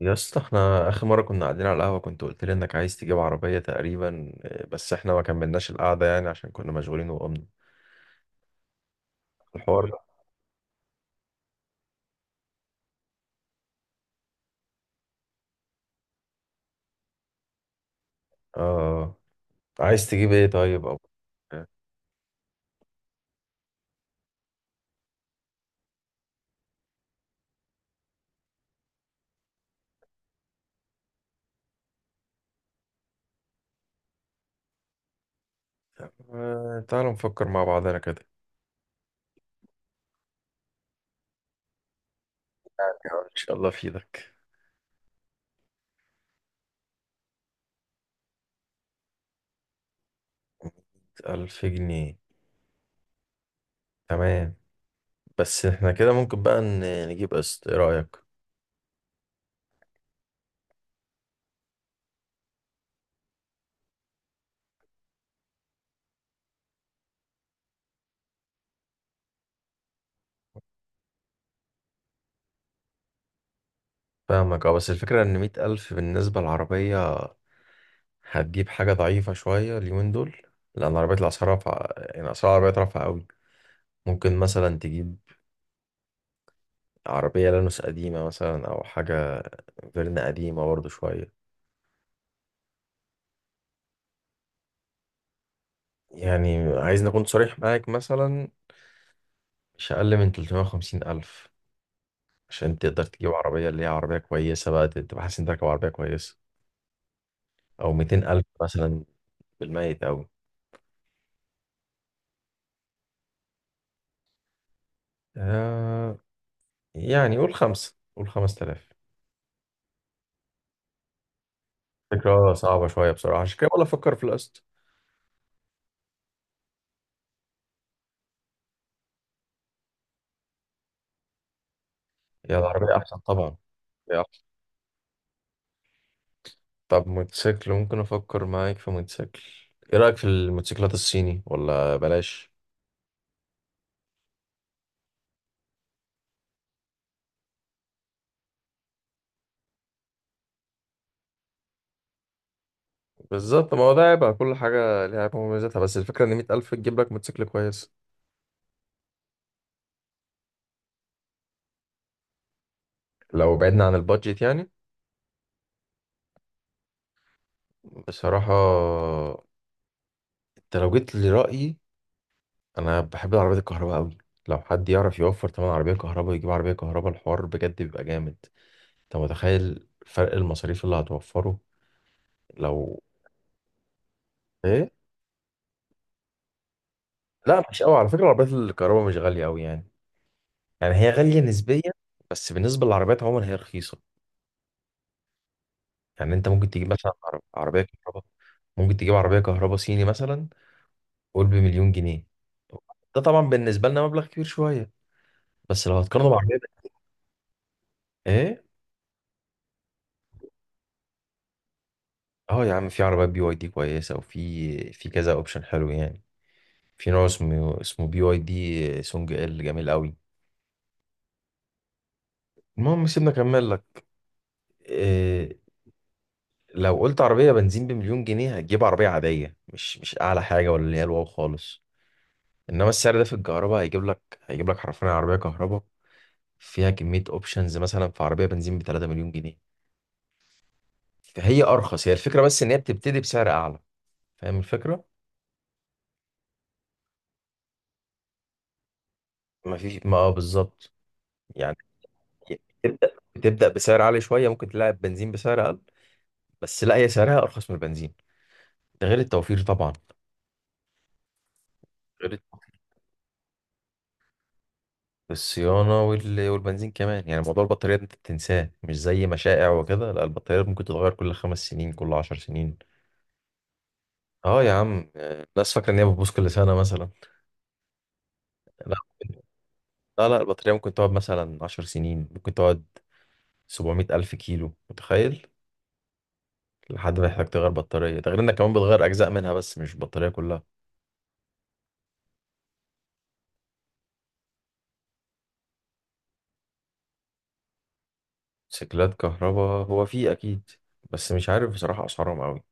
يا اسطى، احنا اخر مره كنا قاعدين على القهوه كنت قلت لي انك عايز تجيب عربيه تقريبا، بس احنا ما كملناش القعده يعني عشان كنا مشغولين وقمنا الحوار ده. اه، عايز تجيب ايه طيب او آه، تعالوا نفكر مع بعضنا كده. يعني ان شاء الله في ايدك. ألف جنيه. تمام. بس احنا كده ممكن بقى نجيب قسط، ايه رأيك؟ فاهمك اه، بس الفكرة ان 100 ألف بالنسبة للعربية هتجيب حاجة ضعيفة شوية اليومين دول، لأن عربية الأسعار رافعة، يعني أسعار العربيات رافعة أوي. ممكن مثلا تجيب عربية لانوس قديمة مثلا، أو حاجة فيرنا قديمة برضه شوية. يعني عايزني أكون صريح معاك؟ مثلا مش أقل من 350 ألف عشان تقدر تجيب عربية اللي هي عربية كويسة بقى، تبقى حاسس إنك راكب عربية كويسة. أو 200 ألف مثلا، بالميت أوي. آه، يعني قول خمسة، قول 5000. فكرة صعبة شوية بصراحة، عشان كده ولا أفكر في القسط. هي العربية أحسن طبعا. يا أخي. طب موتوسيكل، ممكن أفكر معاك في موتوسيكل. إيه رأيك في الموتوسيكلات الصيني ولا بلاش؟ بالظبط، ما هو ده هيبقى كل حاجة ليها عيبها ومميزاتها، بس الفكرة إن 100 ألف تجيب لك موتوسيكل كويس. لو بعدنا عن البادجت يعني، بصراحة أنت لو جيت لرأيي، أنا بحب العربيات الكهرباء أوي. لو حد يعرف يوفر تمن عربية كهرباء ويجيب عربية كهرباء الحوار بجد بيبقى جامد. أنت متخيل فرق المصاريف اللي هتوفره؟ لو إيه؟ لا مش قوي، على فكرة العربيات الكهرباء مش غالية أوي يعني. يعني هي غالية نسبيا، بس بالنسبة للعربيات عموما هي رخيصة. يعني أنت ممكن تجيب مثلا عربية كهرباء. ممكن تجيب عربية كهرباء صيني مثلا، قول بمليون جنيه. ده طبعا بالنسبه لنا مبلغ كبير شويه، بس لو هتقارنه بعربيه. ايه. اه يا عم، في عربيات بي واي دي كويسه، وفي في كذا اوبشن حلو يعني. في نوع اسمه اسمه بي واي دي سونج ال، جميل قوي. المهم سيبنا اكمل لك. إيه. لو قلت عربيه بنزين بمليون جنيه هتجيب عربيه عاديه، مش اعلى حاجه، ولا اللي هي الواو خالص. انما السعر ده في الكهرباء هيجيب لك حرفيا عربيه كهرباء، فيها كميه اوبشنز. مثلا في عربيه بنزين ب 3 مليون جنيه، فهي ارخص، هي الفكره بس ان هي بتبتدي بسعر اعلى. فاهم الفكرة؟ ما فيش، ما اه، بالظبط. يعني بتبدأ بسعر عالي شوية، ممكن تلاقي بنزين بسعر أقل، بس لا هي سعرها أرخص من البنزين. ده غير التوفير طبعا. غير التوفير في الصيانة والبنزين كمان. يعني موضوع البطارية ده أنت تنساه، مش زي مشائع وكده. لا البطارية ممكن تتغير كل 5 سنين، كل 10 سنين. اه يا عم، الناس فاكرة إن هي بتبوظ كل سنة مثلا. لا لا، لا البطارية ممكن تقعد مثلا 10 سنين، ممكن تقعد 700 ألف كيلو، متخيل؟ لحد ما يحتاج تغير بطارية. ده غير انك كمان بتغير اجزاء منها بس مش البطارية كلها. موتوسيكلات كهرباء هو في اكيد، بس مش عارف بصراحة اسعارهم قوي.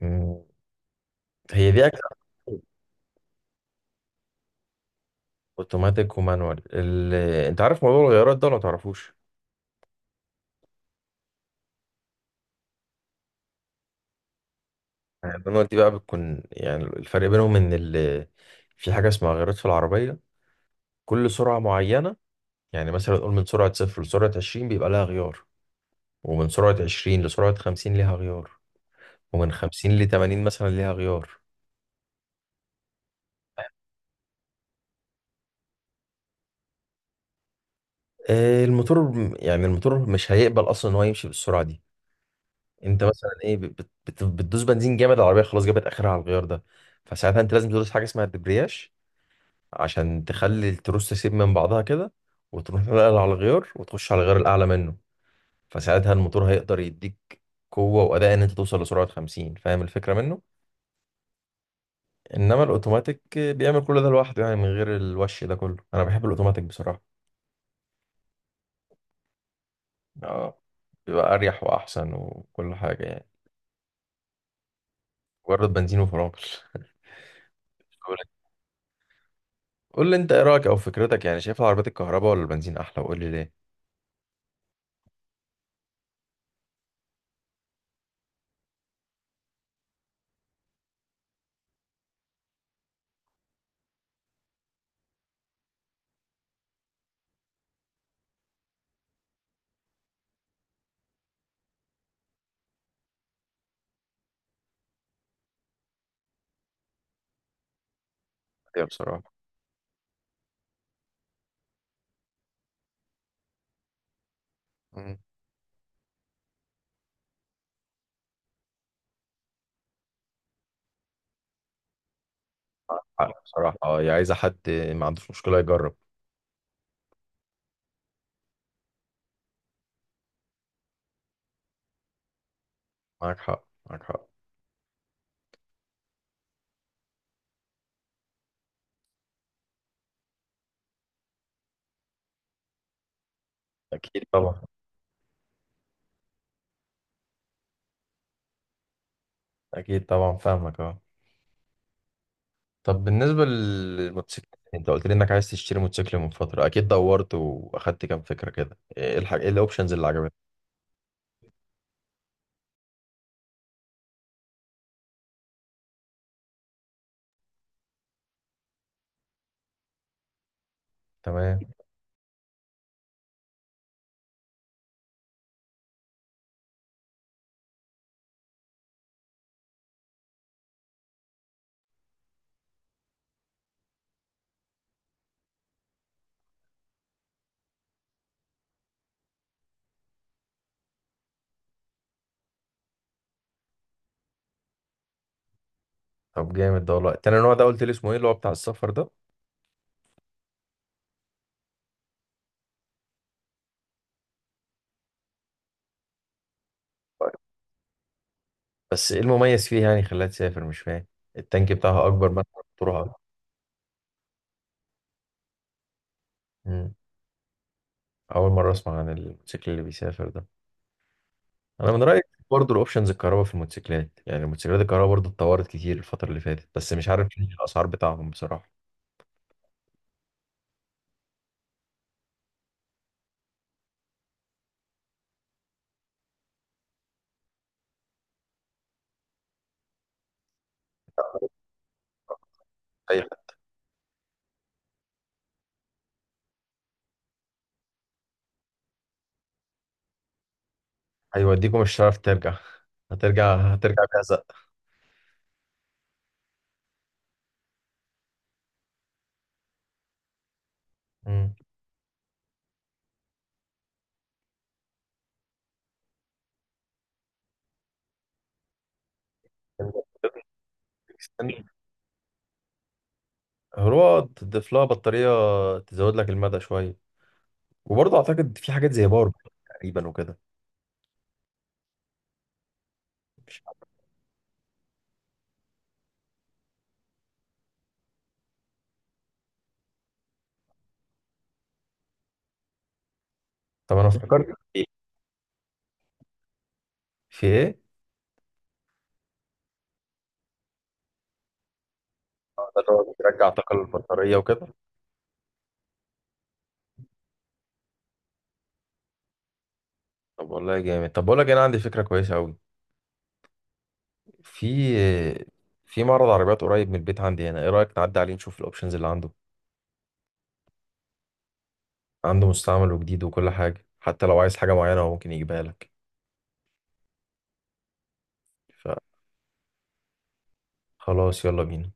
مم. هي دي اجزاء. اوتوماتيك ومانوال ال... انت عارف موضوع الغيارات ده ولا متعرفوش؟ يعني المانوال دي بقى بتكون، يعني الفرق بينهم ان ال... في حاجة اسمها غيارات في العربية. كل سرعة معينة، يعني مثلا نقول من سرعة 0 لسرعة 20 بيبقى لها غيار، ومن سرعة 20 لسرعة 50 ليها غيار، ومن 50 لتمانين مثلا ليها غيار. آه، الموتور، يعني الموتور مش هيقبل اصلا ان هو يمشي بالسرعه دي. انت مثلا ايه، بتدوس بنزين جامد، العربيه خلاص جابت اخرها على الغيار ده. فساعتها انت لازم تدوس حاجه اسمها الدبرياج، عشان تخلي التروس تسيب من بعضها كده، وتروح نقل على الغيار وتخش على الغيار الاعلى منه. فساعتها الموتور هيقدر يديك قوه واداء ان انت توصل لسرعه 50. فاهم الفكره منه؟ انما الاوتوماتيك بيعمل كل ده لوحده، يعني من غير الوش ده كله. انا بحب الاوتوماتيك بصراحه. اه، بيبقى اريح واحسن وكل حاجه يعني. مجرد بنزين وفرامل. قول لي انت ايه رايك او فكرتك، يعني شايف العربيات الكهرباء ولا البنزين احلى، وقول لي ليه. يا بصراحه. مم. معاك حق بصراحه، اه، هي عايزه حد ما عندوش مشكله يجرب. معاك حق، معاك حق. اكيد طبعا. اكيد طبعا فاهمك اه. طب بالنسبه للموتوسيكلات، انت قلت لي انك عايز تشتري موتوسيكل من فتره، اكيد دورت واخدت كام فكره كده، ايه الحاجه، ايه الاوبشنز اللي عجبتك؟ تمام. طب جامد ده والله. تاني نوع ده قلت لي اسمه ايه، اللي هو بتاع السفر ده؟ بس ايه المميز فيه يعني خلاها تسافر؟ مش فاهم، التانك بتاعها اكبر مثلا طرها؟ مم. أول مرة أسمع عن الموتوسيكل اللي بيسافر ده. أنا من رأيي، برضه الأوبشنز الكهرباء في الموتوسيكلات، يعني الموتوسيكلات الكهرباء برضه اتطورت كتير الفترة اللي فاتت، بس مش عارف إيه الأسعار بتاعهم بصراحة. أي حد. هيوديكم مش هتعرف ترجع، هترجع هترجع بهزق. مم. هو تضيف لها بطارية تزود لك المدى شوية. وبرضه أعتقد في حاجات زي باور بانك تقريبا وكده. مش عارف. طب أنا افتكرت في إيه؟ في إيه؟ آه، ده اللي هو بيرجع طاقة للبطارية وكده. طب والله جامد، طب بقول لك أنا عندي فكرة كويسة أوي، في في معرض عربيات قريب من البيت عندي هنا، ايه رأيك نعدي عليه نشوف الاوبشنز اللي عنده؟ عنده مستعمل وجديد وكل حاجة، حتى لو عايز حاجة معينة هو ممكن يجيبها لك. فخلاص يلا بينا.